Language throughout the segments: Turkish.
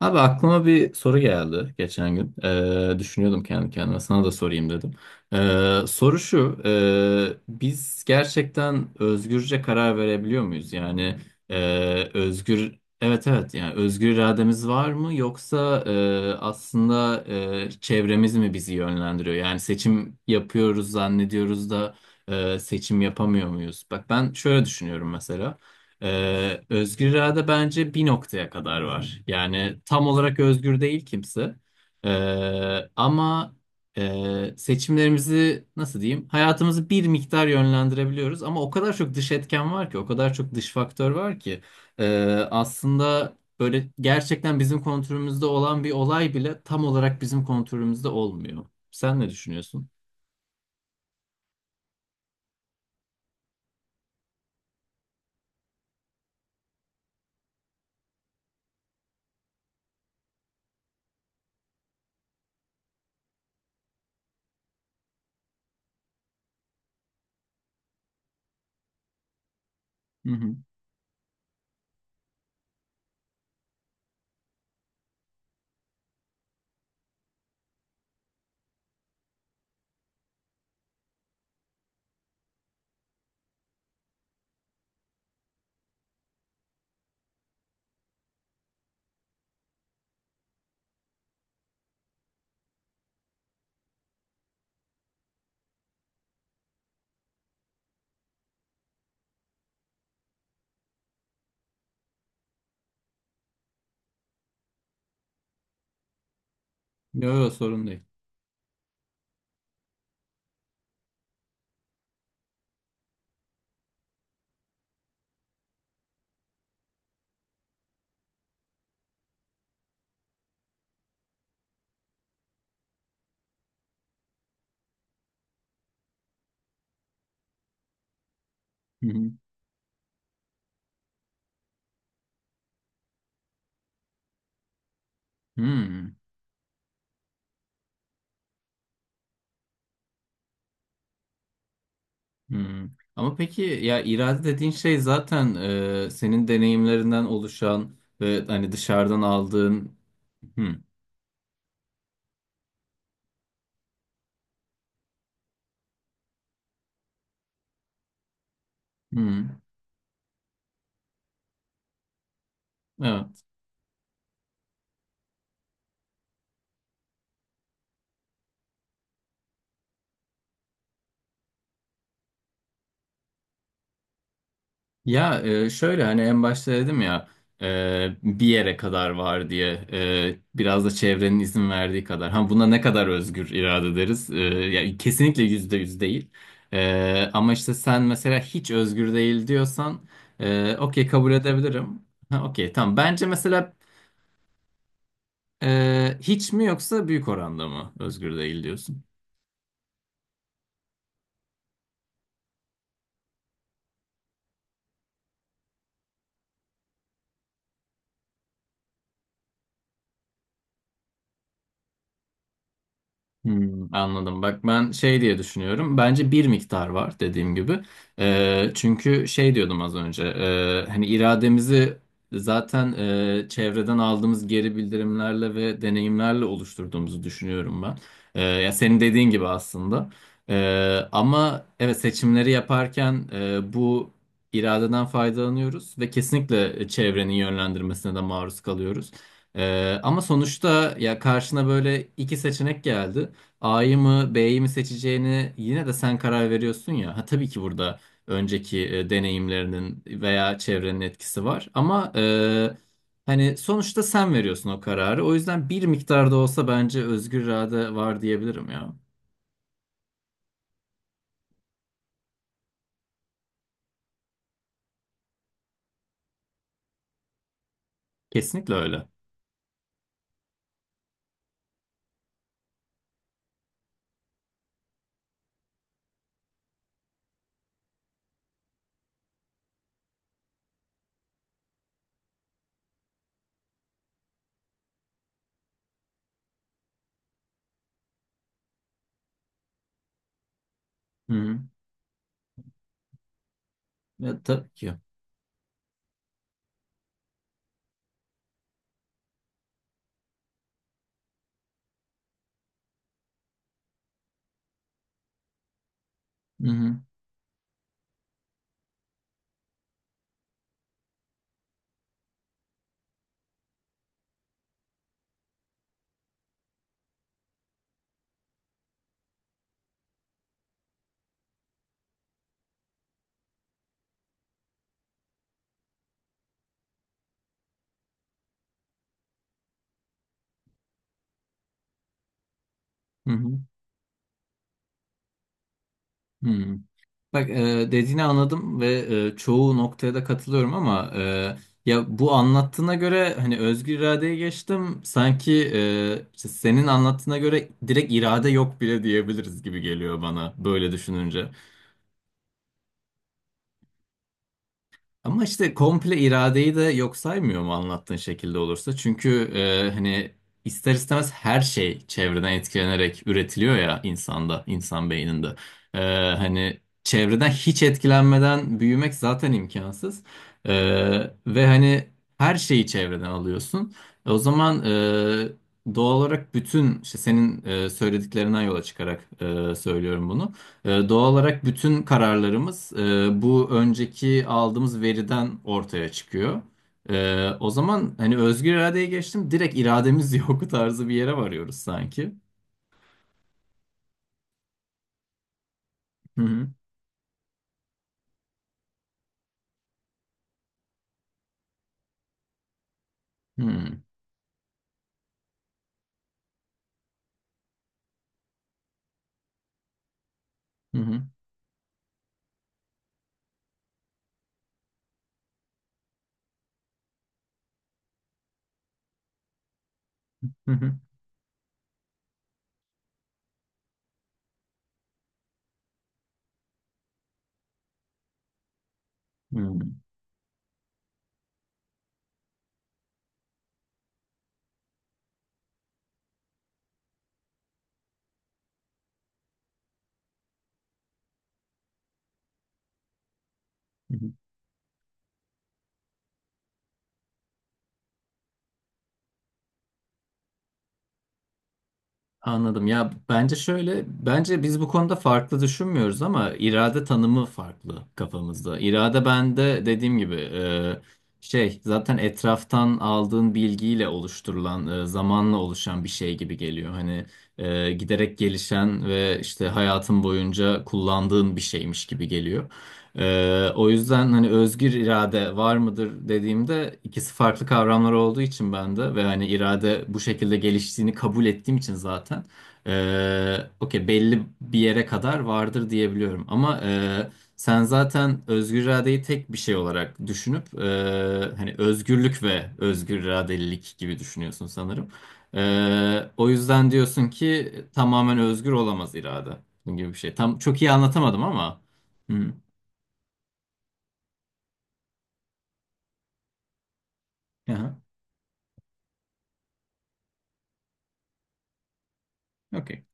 Abi aklıma bir soru geldi geçen gün. Düşünüyordum kendi kendime. Sana da sorayım dedim. Soru şu. Biz gerçekten özgürce karar verebiliyor muyuz? Yani Evet evet yani özgür irademiz var mı yoksa aslında çevremiz mi bizi yönlendiriyor? Yani seçim yapıyoruz zannediyoruz da seçim yapamıyor muyuz? Bak ben şöyle düşünüyorum mesela. Özgür irade bence bir noktaya kadar var. Yani tam olarak özgür değil kimse. Ee, ama seçimlerimizi nasıl diyeyim? Hayatımızı bir miktar yönlendirebiliyoruz ama o kadar çok dış etken var ki, o kadar çok dış faktör var ki Ee, aslında böyle gerçekten bizim kontrolümüzde olan bir olay bile tam olarak bizim kontrolümüzde olmuyor. Sen ne düşünüyorsun? Hı hı. Yok sorun değil. Hı hı. Hmm. Hmm. Ama peki ya irade dediğin şey zaten senin deneyimlerinden oluşan ve hani dışarıdan aldığın. Hmm. Hmm. Evet. Ya şöyle hani en başta dedim ya bir yere kadar var diye biraz da çevrenin izin verdiği kadar. Ha buna ne kadar özgür irade deriz? E, ya kesinlikle yüzde yüz değil. E, ama işte sen mesela hiç özgür değil diyorsan okey kabul edebilirim. Ha, okey tamam. Bence mesela hiç mi yoksa büyük oranda mı özgür değil diyorsun? Hmm, anladım. Bak ben şey diye düşünüyorum. Bence bir miktar var dediğim gibi. Çünkü şey diyordum az önce. Hani irademizi zaten çevreden aldığımız geri bildirimlerle ve deneyimlerle oluşturduğumuzu düşünüyorum ben. Ya senin dediğin gibi aslında. Ama evet seçimleri yaparken bu iradeden faydalanıyoruz ve kesinlikle çevrenin yönlendirmesine de maruz kalıyoruz. Ama sonuçta ya karşına böyle iki seçenek geldi. A'yı mı B'yi mi seçeceğini yine de sen karar veriyorsun ya. Ha, tabii ki burada önceki deneyimlerinin veya çevrenin etkisi var. Ama hani sonuçta sen veriyorsun o kararı. O yüzden bir miktarda olsa bence özgür irade var diyebilirim ya. Kesinlikle öyle. Hı hı. Ya, tabii ki. Hı hı. Hı hı. Hı. Bak dediğini anladım ve çoğu noktaya da katılıyorum ama ya bu anlattığına göre hani özgür iradeye geçtim sanki işte senin anlattığına göre direkt irade yok bile diyebiliriz gibi geliyor bana böyle düşününce. Ama işte komple iradeyi de yok saymıyor mu anlattığın şekilde olursa? Çünkü hani ister istemez her şey çevreden etkilenerek üretiliyor ya insanda, insan beyninde. E, hani çevreden hiç etkilenmeden büyümek zaten imkansız. E, ve hani her şeyi çevreden alıyorsun. E, o zaman doğal olarak bütün işte senin söylediklerinden yola çıkarak söylüyorum bunu. Doğal olarak bütün kararlarımız bu önceki aldığımız veriden ortaya çıkıyor. O zaman hani özgür iradeye geçtim, direkt irademiz yok tarzı bir yere varıyoruz sanki. Hı hı. Hı hı. Hı hı. Hı hı. Hı hı. Anladım. Ya bence şöyle, bence biz bu konuda farklı düşünmüyoruz ama irade tanımı farklı kafamızda. İrade bende dediğim gibi şey zaten etraftan aldığın bilgiyle oluşturulan, zamanla oluşan bir şey gibi geliyor. Hani giderek gelişen ve işte hayatın boyunca kullandığın bir şeymiş gibi geliyor. O yüzden hani özgür irade var mıdır dediğimde ikisi farklı kavramlar olduğu için ben de ve hani irade bu şekilde geliştiğini kabul ettiğim için zaten okey belli bir yere kadar vardır diyebiliyorum. Ama sen zaten özgür iradeyi tek bir şey olarak düşünüp hani özgürlük ve özgür iradelilik gibi düşünüyorsun sanırım. O yüzden diyorsun ki tamamen özgür olamaz irade. Bunun gibi bir şey. Tam çok iyi anlatamadım ama. Hı. Aha. Okay.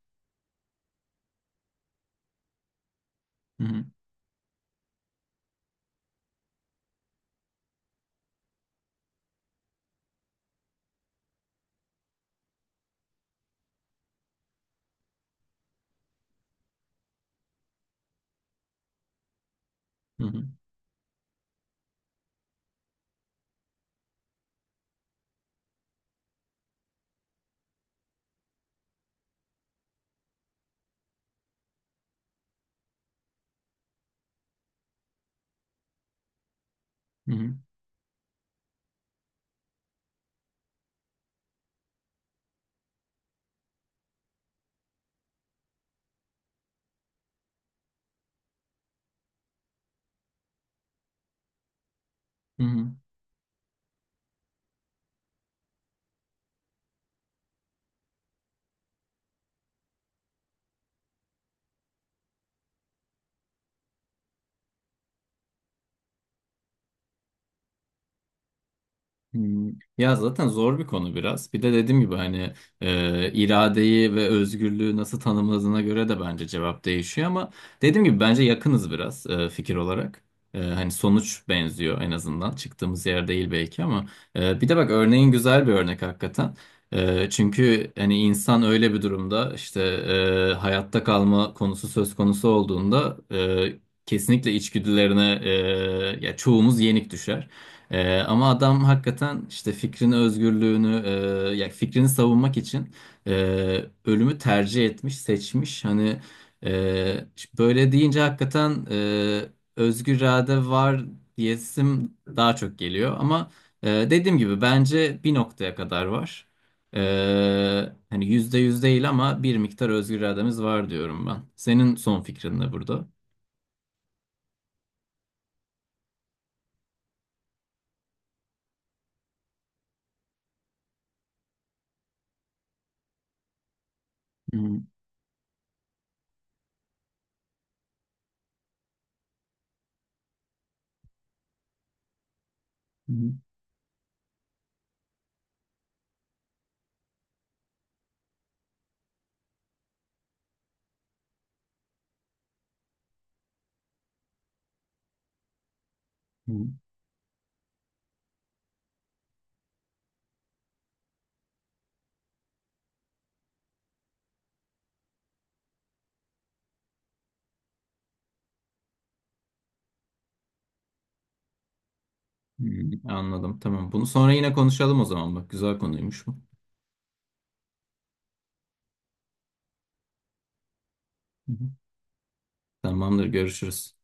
Hı hı. Hı hı. Hmm. Ya zaten zor bir konu biraz. Bir de dediğim gibi hani iradeyi ve özgürlüğü nasıl tanımladığına göre de bence cevap değişiyor ama dediğim gibi bence yakınız biraz fikir olarak. E, hani sonuç benziyor en azından. Çıktığımız yer değil belki ama bir de bak örneğin güzel bir örnek hakikaten. E, çünkü hani insan öyle bir durumda işte hayatta kalma konusu söz konusu olduğunda kesinlikle içgüdülerine ya çoğumuz yenik düşer. Ama adam hakikaten işte fikrini, özgürlüğünü, ya fikrini savunmak için e, ölümü tercih etmiş, seçmiş. Hani işte böyle deyince hakikaten özgür irade var diyesim daha çok geliyor. Ama dediğim gibi bence bir noktaya kadar var. E, hani yüzde yüz değil ama bir miktar özgür irademiz var diyorum ben. Senin son fikrin ne burada? Hı hı, hı. Hı. Hmm, anladım. Tamam. Bunu sonra yine konuşalım o zaman. Bak güzel konuymuş bu. Hı hı. Tamamdır. Görüşürüz.